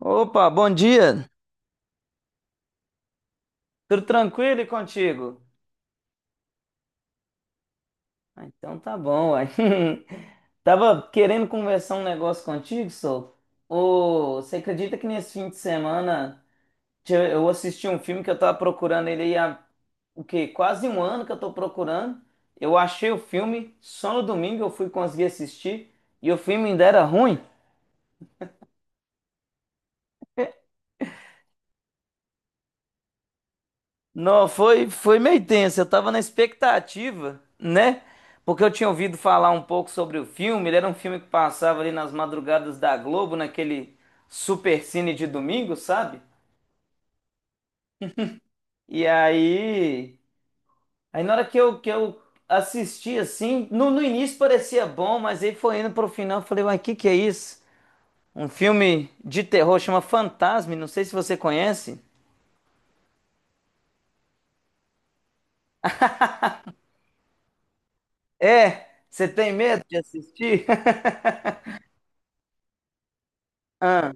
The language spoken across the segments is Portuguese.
Opa, bom dia. Tudo tranquilo e contigo? Ah, então tá bom, uai. Tava querendo conversar um negócio contigo, Sol. Ô, você acredita que nesse fim de semana eu assisti um filme que eu tava procurando ele aí há o quê? Quase um ano que eu tô procurando. Eu achei o filme, só no domingo eu fui conseguir assistir e o filme ainda era ruim. Não, foi meio tenso. Eu tava na expectativa, né? Porque eu tinha ouvido falar um pouco sobre o filme. Ele era um filme que passava ali nas madrugadas da Globo, naquele supercine de domingo, sabe? E aí. Aí na hora que eu assisti, assim, no início parecia bom, mas aí foi indo pro final. Eu falei, uai, que é isso? Um filme de terror chama Fantasme, não sei se você conhece. É, você tem medo de assistir? Ah.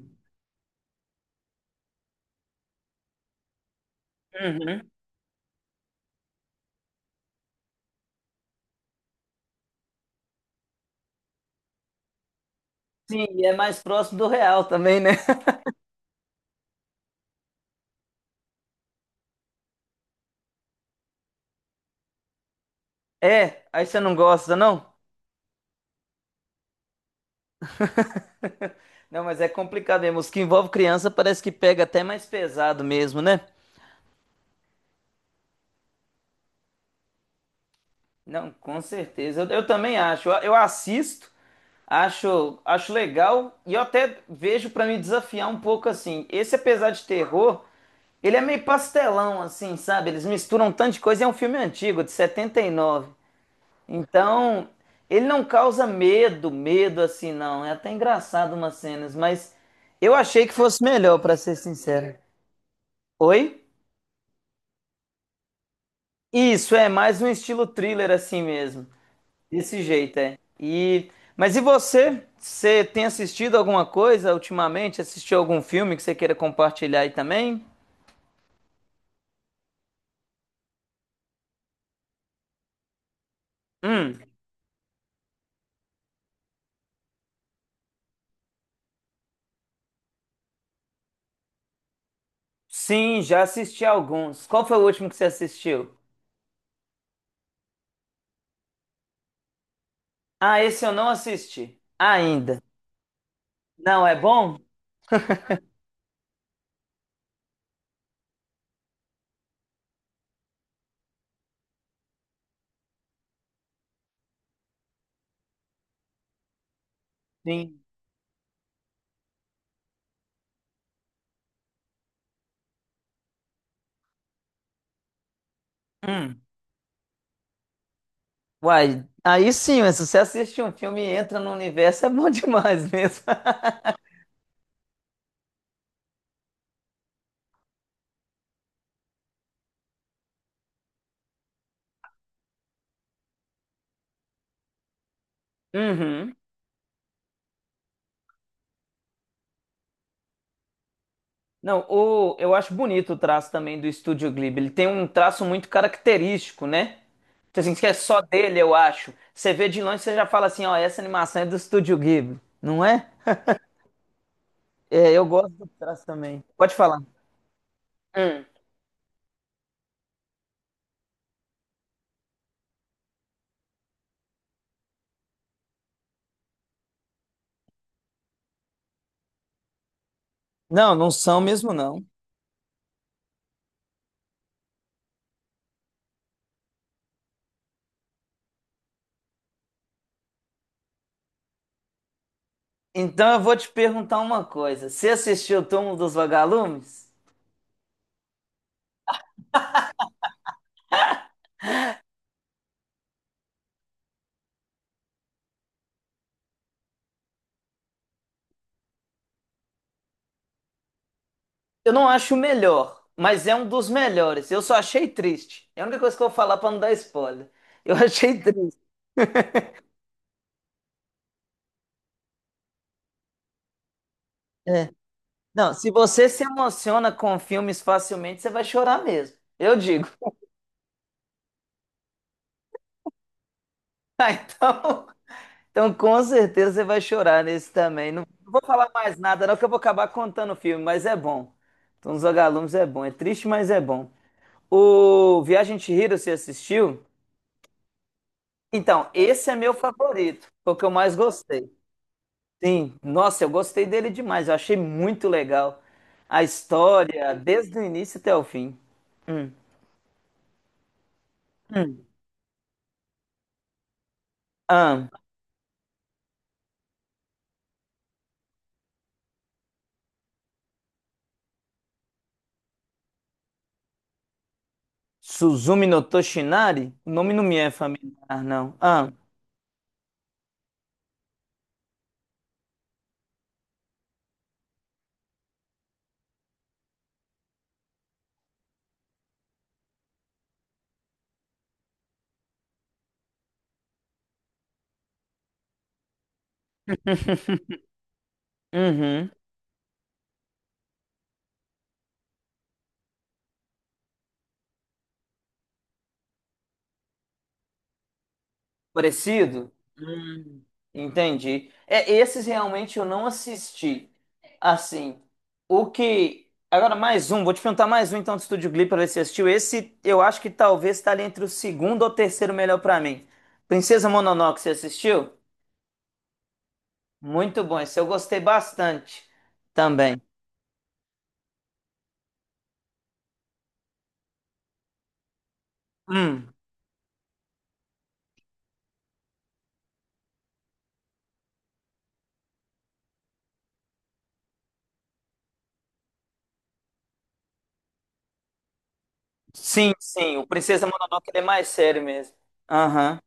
Uhum. Sim, e é mais próximo do real também, né? É, aí você não gosta, não? Não, mas é complicado mesmo. Os que envolvem criança parece que pega até mais pesado mesmo, né? Não, com certeza. Eu também acho. Eu assisto, acho legal e eu até vejo pra me desafiar um pouco assim. Esse, apesar de terror, ele é meio pastelão, assim, sabe? Eles misturam um tanto de coisa. E é um filme antigo, de 79. Então, ele não causa medo, medo assim, não. É até engraçado umas cenas, mas eu achei que fosse melhor, pra ser sincero. Oi? Isso, é mais um estilo thriller assim mesmo. Desse jeito, é. E... Mas e você? Você tem assistido alguma coisa ultimamente? Assistiu algum filme que você queira compartilhar aí também? Hum, sim, já assisti alguns. Qual foi o último que você assistiu? Ah, esse eu não assisti. Ainda. Não, é bom? Sim. Hum. Uai, aí sim, mas se você assiste um filme e entra no universo, é bom demais mesmo. Uhum. Não, o, eu acho bonito o traço também do Estúdio Ghibli. Ele tem um traço muito característico, né? Então, assim, que é só dele, eu acho. Você vê de longe, você já fala assim, ó, essa animação é do Estúdio Ghibli, não é? É, eu gosto do traço também. Pode falar. Hum. Não, não são mesmo, não. Então eu vou te perguntar uma coisa. Você assistiu o Túmulo dos Vagalumes? Eu não acho o melhor, mas é um dos melhores. Eu só achei triste. É a única coisa que eu vou falar para não dar spoiler. Eu achei triste. É. Não, se você se emociona com filmes facilmente, você vai chorar mesmo. Eu digo. Ah, então, então com certeza você vai chorar nesse também. Não, não vou falar mais nada, não, que eu vou acabar contando o filme, mas é bom. Então, os Vagalumes é bom. É triste, mas é bom. O Viagem de Chihiro, você assistiu? Então, esse é meu favorito. Foi o que eu mais gostei. Sim, nossa, eu gostei dele demais, eu achei muito legal a história, desde o início até o fim. Hum. Hum. Ah, Suzumi no Toshinari? O nome não me é familiar, não. Ah, uhum. Parecido? Hum. Entendi. É, esses realmente eu não assisti. Assim, o que. Agora, mais um, vou te perguntar mais um então do Estúdio Ghibli pra ver se você assistiu. Esse eu acho que talvez tá ali entre o segundo ou terceiro melhor pra mim. Princesa Mononoke, você assistiu? Muito bom, esse eu gostei bastante também. Hum, sim, sim, o Princesa Mononoke ele é mais sério mesmo. Aham.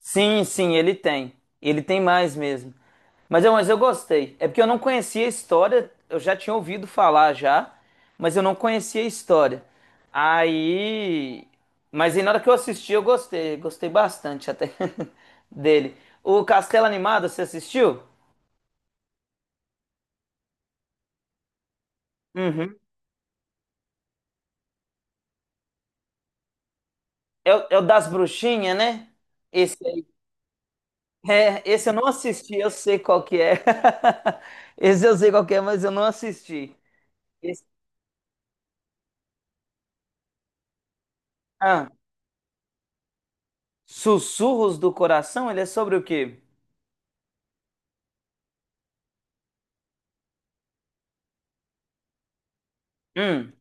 Sim, sim, ele tem. Ele tem mais mesmo. Mas eu gostei. É porque eu não conhecia a história, eu já tinha ouvido falar já, mas eu não conhecia a história. Aí. Mas aí na hora que eu assisti, eu gostei. Gostei bastante até dele. O Castelo Animado, você assistiu? Uhum. É, o é o das bruxinhas, né? Esse aí. É, esse eu não assisti, eu sei qual que é. Esse eu sei qual que é, mas eu não assisti. Esse- Ah, Sussurros do Coração, ele é sobre o quê? Hum,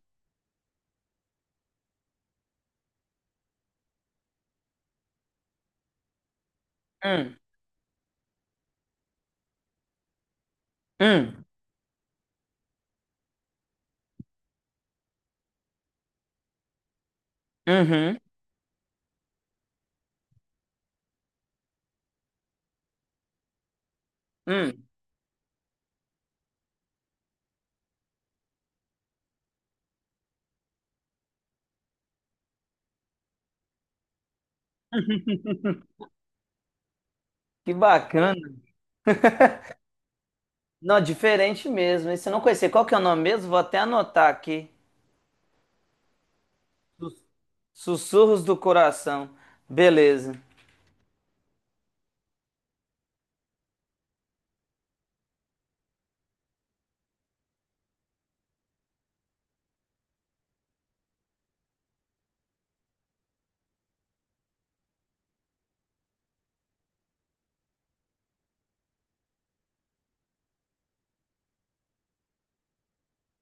hum, hum, uhum, hum. Que bacana. Não, diferente mesmo. Esse eu não conhecia. Qual que é o nome mesmo? Vou até anotar aqui. Sus- Sussurros do Coração. Beleza.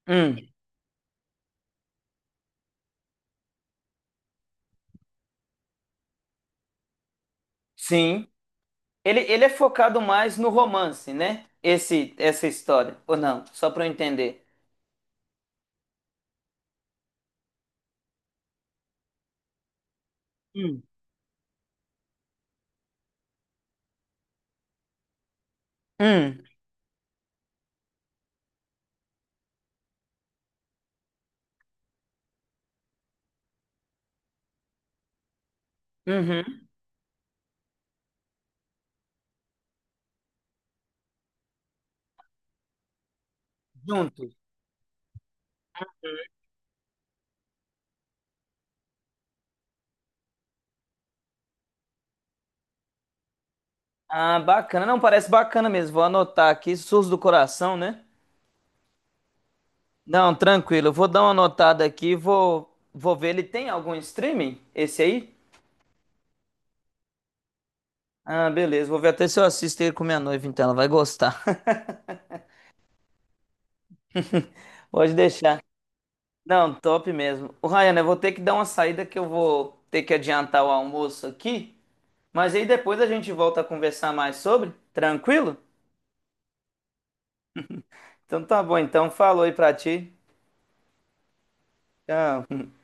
Hum, sim. Ele é focado mais no romance, né? Esse, essa história, ou não? Só para eu entender. Hum, hum, uhum. Juntos. Ah, bacana. Não, parece bacana mesmo. Vou anotar aqui, Surdos do Coração, né? Não, tranquilo. Eu vou dar uma anotada aqui, vou ver. Ele tem algum streaming? Esse aí? Ah, beleza. Vou ver até se eu assisto ele com minha noiva, então ela vai gostar. Pode deixar. Não, top mesmo. O Ryan, eu vou ter que dar uma saída que eu vou ter que adiantar o almoço aqui, mas aí depois a gente volta a conversar mais sobre. Tranquilo? Então tá bom, então falou aí pra ti. Tchau.